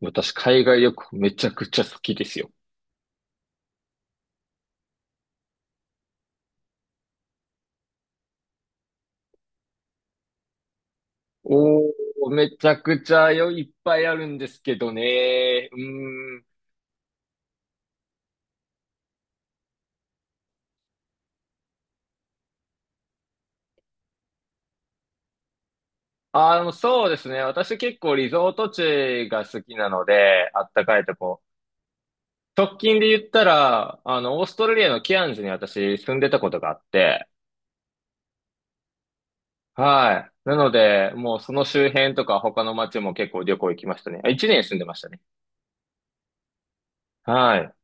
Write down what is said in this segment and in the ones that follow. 私、海外旅行めちゃくちゃ好きですよ。おー、めちゃくちゃよ、いっぱいあるんですけどね。そうですね。私結構リゾート地が好きなので、あったかいとこ。直近で言ったら、オーストラリアのケアンズに私住んでたことがあって、はい。なので、もうその周辺とか他の街も結構旅行行きましたね。あ、一年住んでましたね。はい。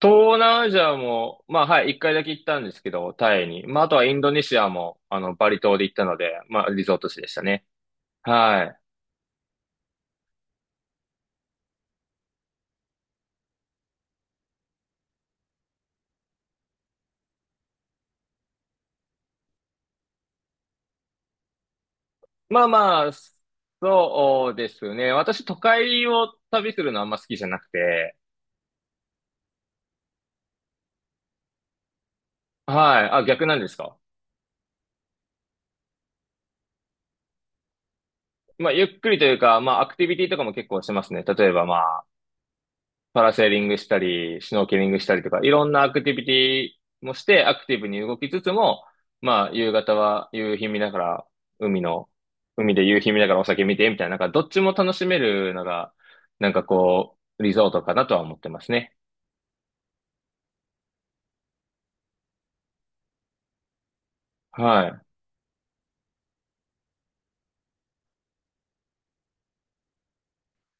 東南アジアも、まあ、はい、一回だけ行ったんですけど、タイに。まあ、あとはインドネシアも、バリ島で行ったので、まあ、リゾート地でしたね。はい。まあまあ、そうですね。私都会を旅するのあんま好きじゃなくて、はい。あ、逆なんですか？まあ、ゆっくりというか、まあ、アクティビティとかも結構しますね。例えば、パラセーリングしたり、シュノーケリングしたりとか、いろんなアクティビティもして、アクティブに動きつつも、まあ、夕方は夕日見ながら、海の、海で夕日見ながらお酒見て、みたいな、なんかどっちも楽しめるのが、なんかこう、リゾートかなとは思ってますね。はい。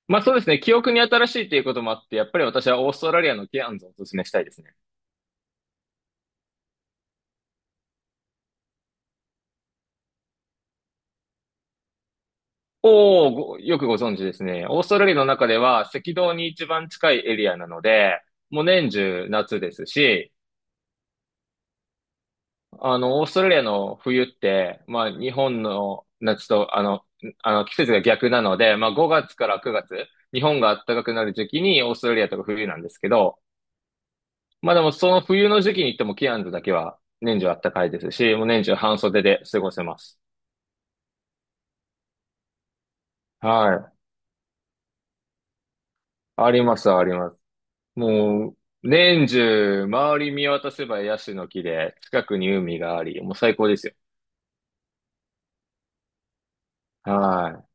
まあ、そうですね、記憶に新しいということもあって、やっぱり私はオーストラリアのケアンズをお勧めしたいですね。おー、ごよくご存知ですね。オーストラリアの中では赤道に一番近いエリアなので、もう年中夏ですし、オーストラリアの冬って、まあ、日本の夏と、季節が逆なので、まあ、5月から9月、日本が暖かくなる時期にオーストラリアとか冬なんですけど、まあ、でもその冬の時期に行ってもキアンズだけは年中暖かいですし、もう年中半袖で過ごせます。はい。あります、あります。もう、年中、周り見渡せばヤシの木で、近くに海があり、もう最高ですよ。はい。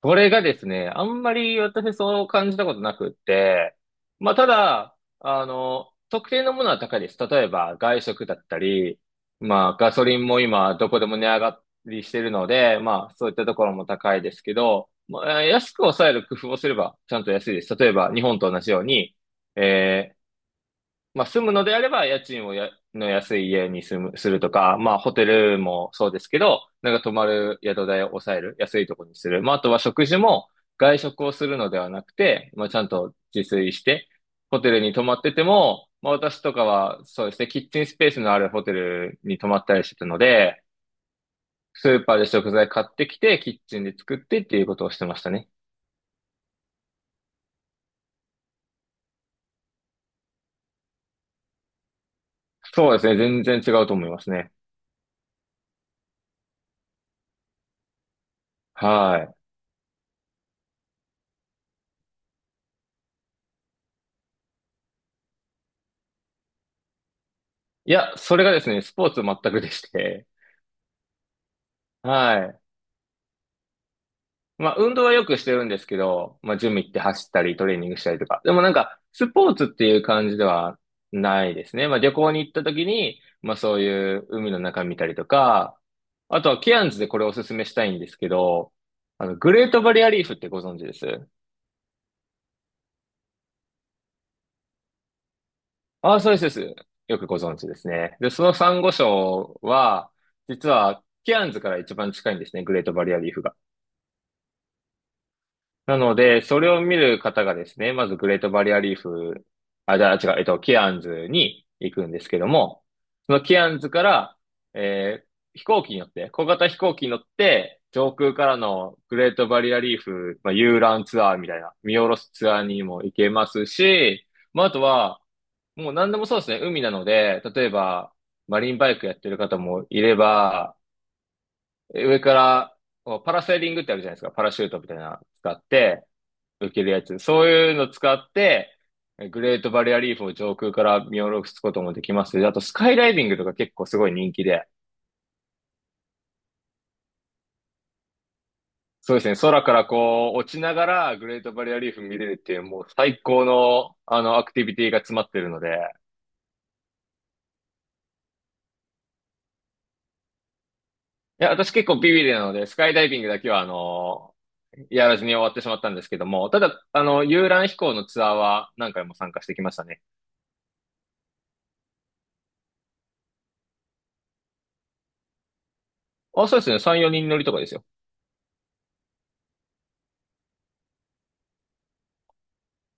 これがですね、あんまり私そう感じたことなくって、まあ、ただ、特定のものは高いです。例えば、外食だったり、まあ、ガソリンも今、どこでも値上がりしてるので、まあ、そういったところも高いですけど、まあ、安く抑える工夫をすれば、ちゃんと安いです。例えば、日本と同じように、えーまあ、住むのであれば、家賃の安い家に住む、するとか、まあ、ホテルもそうですけど、なんか泊まる宿代を抑える、安いとこにする。まあ、あとは食事も外食をするのではなくて、まあ、ちゃんと自炊して、ホテルに泊まってても、まあ、私とかは、そうですね、キッチンスペースのあるホテルに泊まったりしてたので、スーパーで食材買ってきて、キッチンで作ってっていうことをしてましたね。そうですね、全然違うと思いますね。はい。いや、それがですね、スポーツ全くでして、はい。まあ、運動はよくしてるんですけど、まあ、ジム行って走ったり、トレーニングしたりとか。でもなんか、スポーツっていう感じではないですね。まあ、旅行に行った時に、まあ、そういう海の中見たりとか、あとはケアンズでこれおすすめしたいんですけど、グレートバリアリーフってご存知です？ああ、そうです、そうです。よくご存知ですね。で、そのサンゴ礁は、実は、ケアンズから一番近いんですね、グレートバリアリーフが。なので、それを見る方がですね、まずグレートバリアリーフ、あ、じゃあ違う、えっと、ケアンズに行くんですけども、そのケアンズから、飛行機に乗って、小型飛行機に乗って、上空からのグレートバリアリーフ、まあ、遊覧ツアーみたいな、見下ろすツアーにも行けますし、まあ、あとは、もう何でもそうですね、海なので、例えば、マリンバイクやってる方もいれば、上から、パラセーリングってあるじゃないですか。パラシュートみたいなの使って、受けるやつ。そういうの使って、グレートバリアリーフを上空から見下ろすこともできますし、あとスカイダイビングとか結構すごい人気で、そうですね、空からこう落ちながらグレートバリアリーフ見れるっていう、もう最高のあのアクティビティが詰まってるので、いや、私結構ビビリなので、スカイダイビングだけはやらずに終わってしまったんですけども、ただ、遊覧飛行のツアーは何回も参加してきましたね。あ、そうですね。3、4人乗りとかですよ。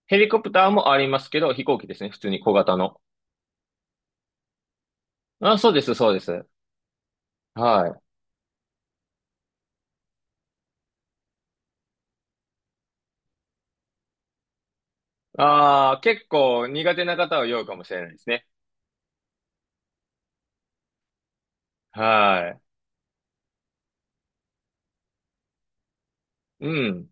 ヘリコプターもありますけど、飛行機ですね。普通に小型の。あ、そうです、そうです。はい。ああ、結構苦手な方は酔うかもしれないですね。はい。うん。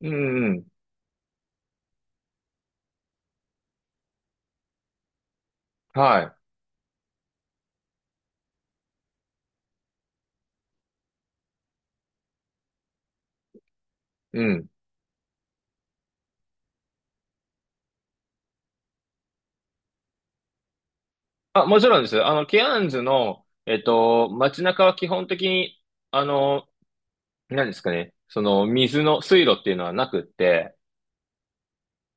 うん、うん。はい。うん。あ、もちろんです。ケアンズの、えっと、街中は基本的に、あの、何ですかね。その、水の水路っていうのはなくって、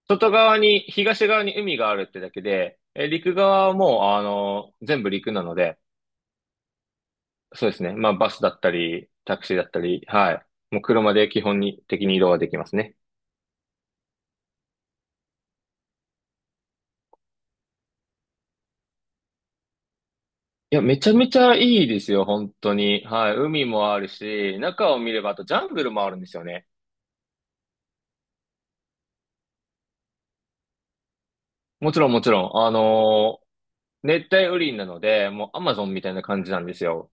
外側に、東側に海があるってだけで、え、陸側はもう、全部陸なので、そうですね。まあ、バスだったり、タクシーだったり、はい。もう車で基本に的に移動はできますね。いや、めちゃめちゃいいですよ、本当に。はい。海もあるし、中を見れば、あとジャングルもあるんですよね。もちろん、もちろん。熱帯雨林なので、もうアマゾンみたいな感じなんですよ。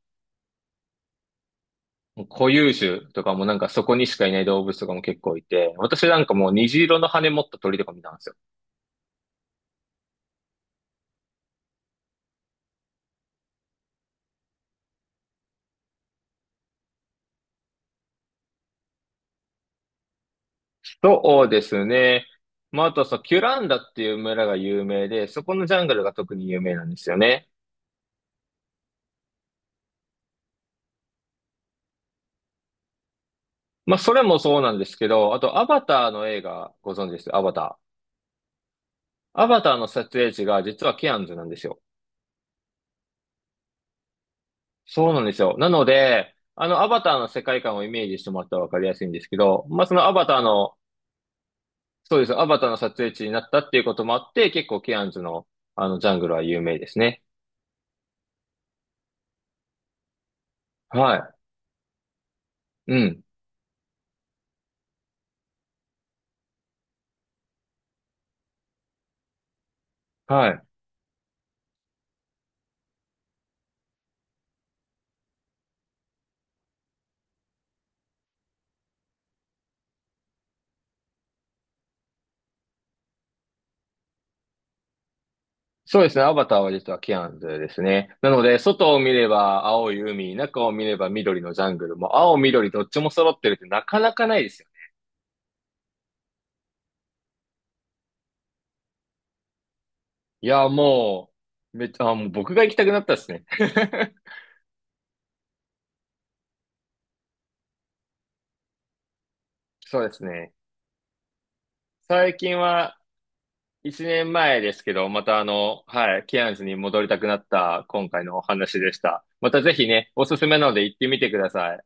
もう固有種とかもなんかそこにしかいない動物とかも結構いて、私なんかもう虹色の羽持った鳥とか見たんですよ。そうですね。まあ、あとそう、キュランダっていう村が有名で、そこのジャングルが特に有名なんですよね。まあ、それもそうなんですけど、あと、アバターの映画、ご存知です、アバター。アバターの撮影地が実はケアンズなんですよ。そうなんですよ。なので、アバターの世界観をイメージしてもらったらわかりやすいんですけど、まあ、そのアバターの、そうです、アバターの撮影地になったっていうこともあって、結構ケアンズの、ジャングルは有名ですね。はい。うん。はい。そうですね。アバターは実はキアンズですね。なので、外を見れば青い海、中を見れば緑のジャングル、もう青緑どっちも揃ってるってなかなかないですよね。いや、もう、めっちゃ、あ、もう僕が行きたくなったですね。そうですね。最近は1年前ですけど、またあの、はい、キアンズに戻りたくなった今回のお話でした。またぜひね、おすすめなので行ってみてください。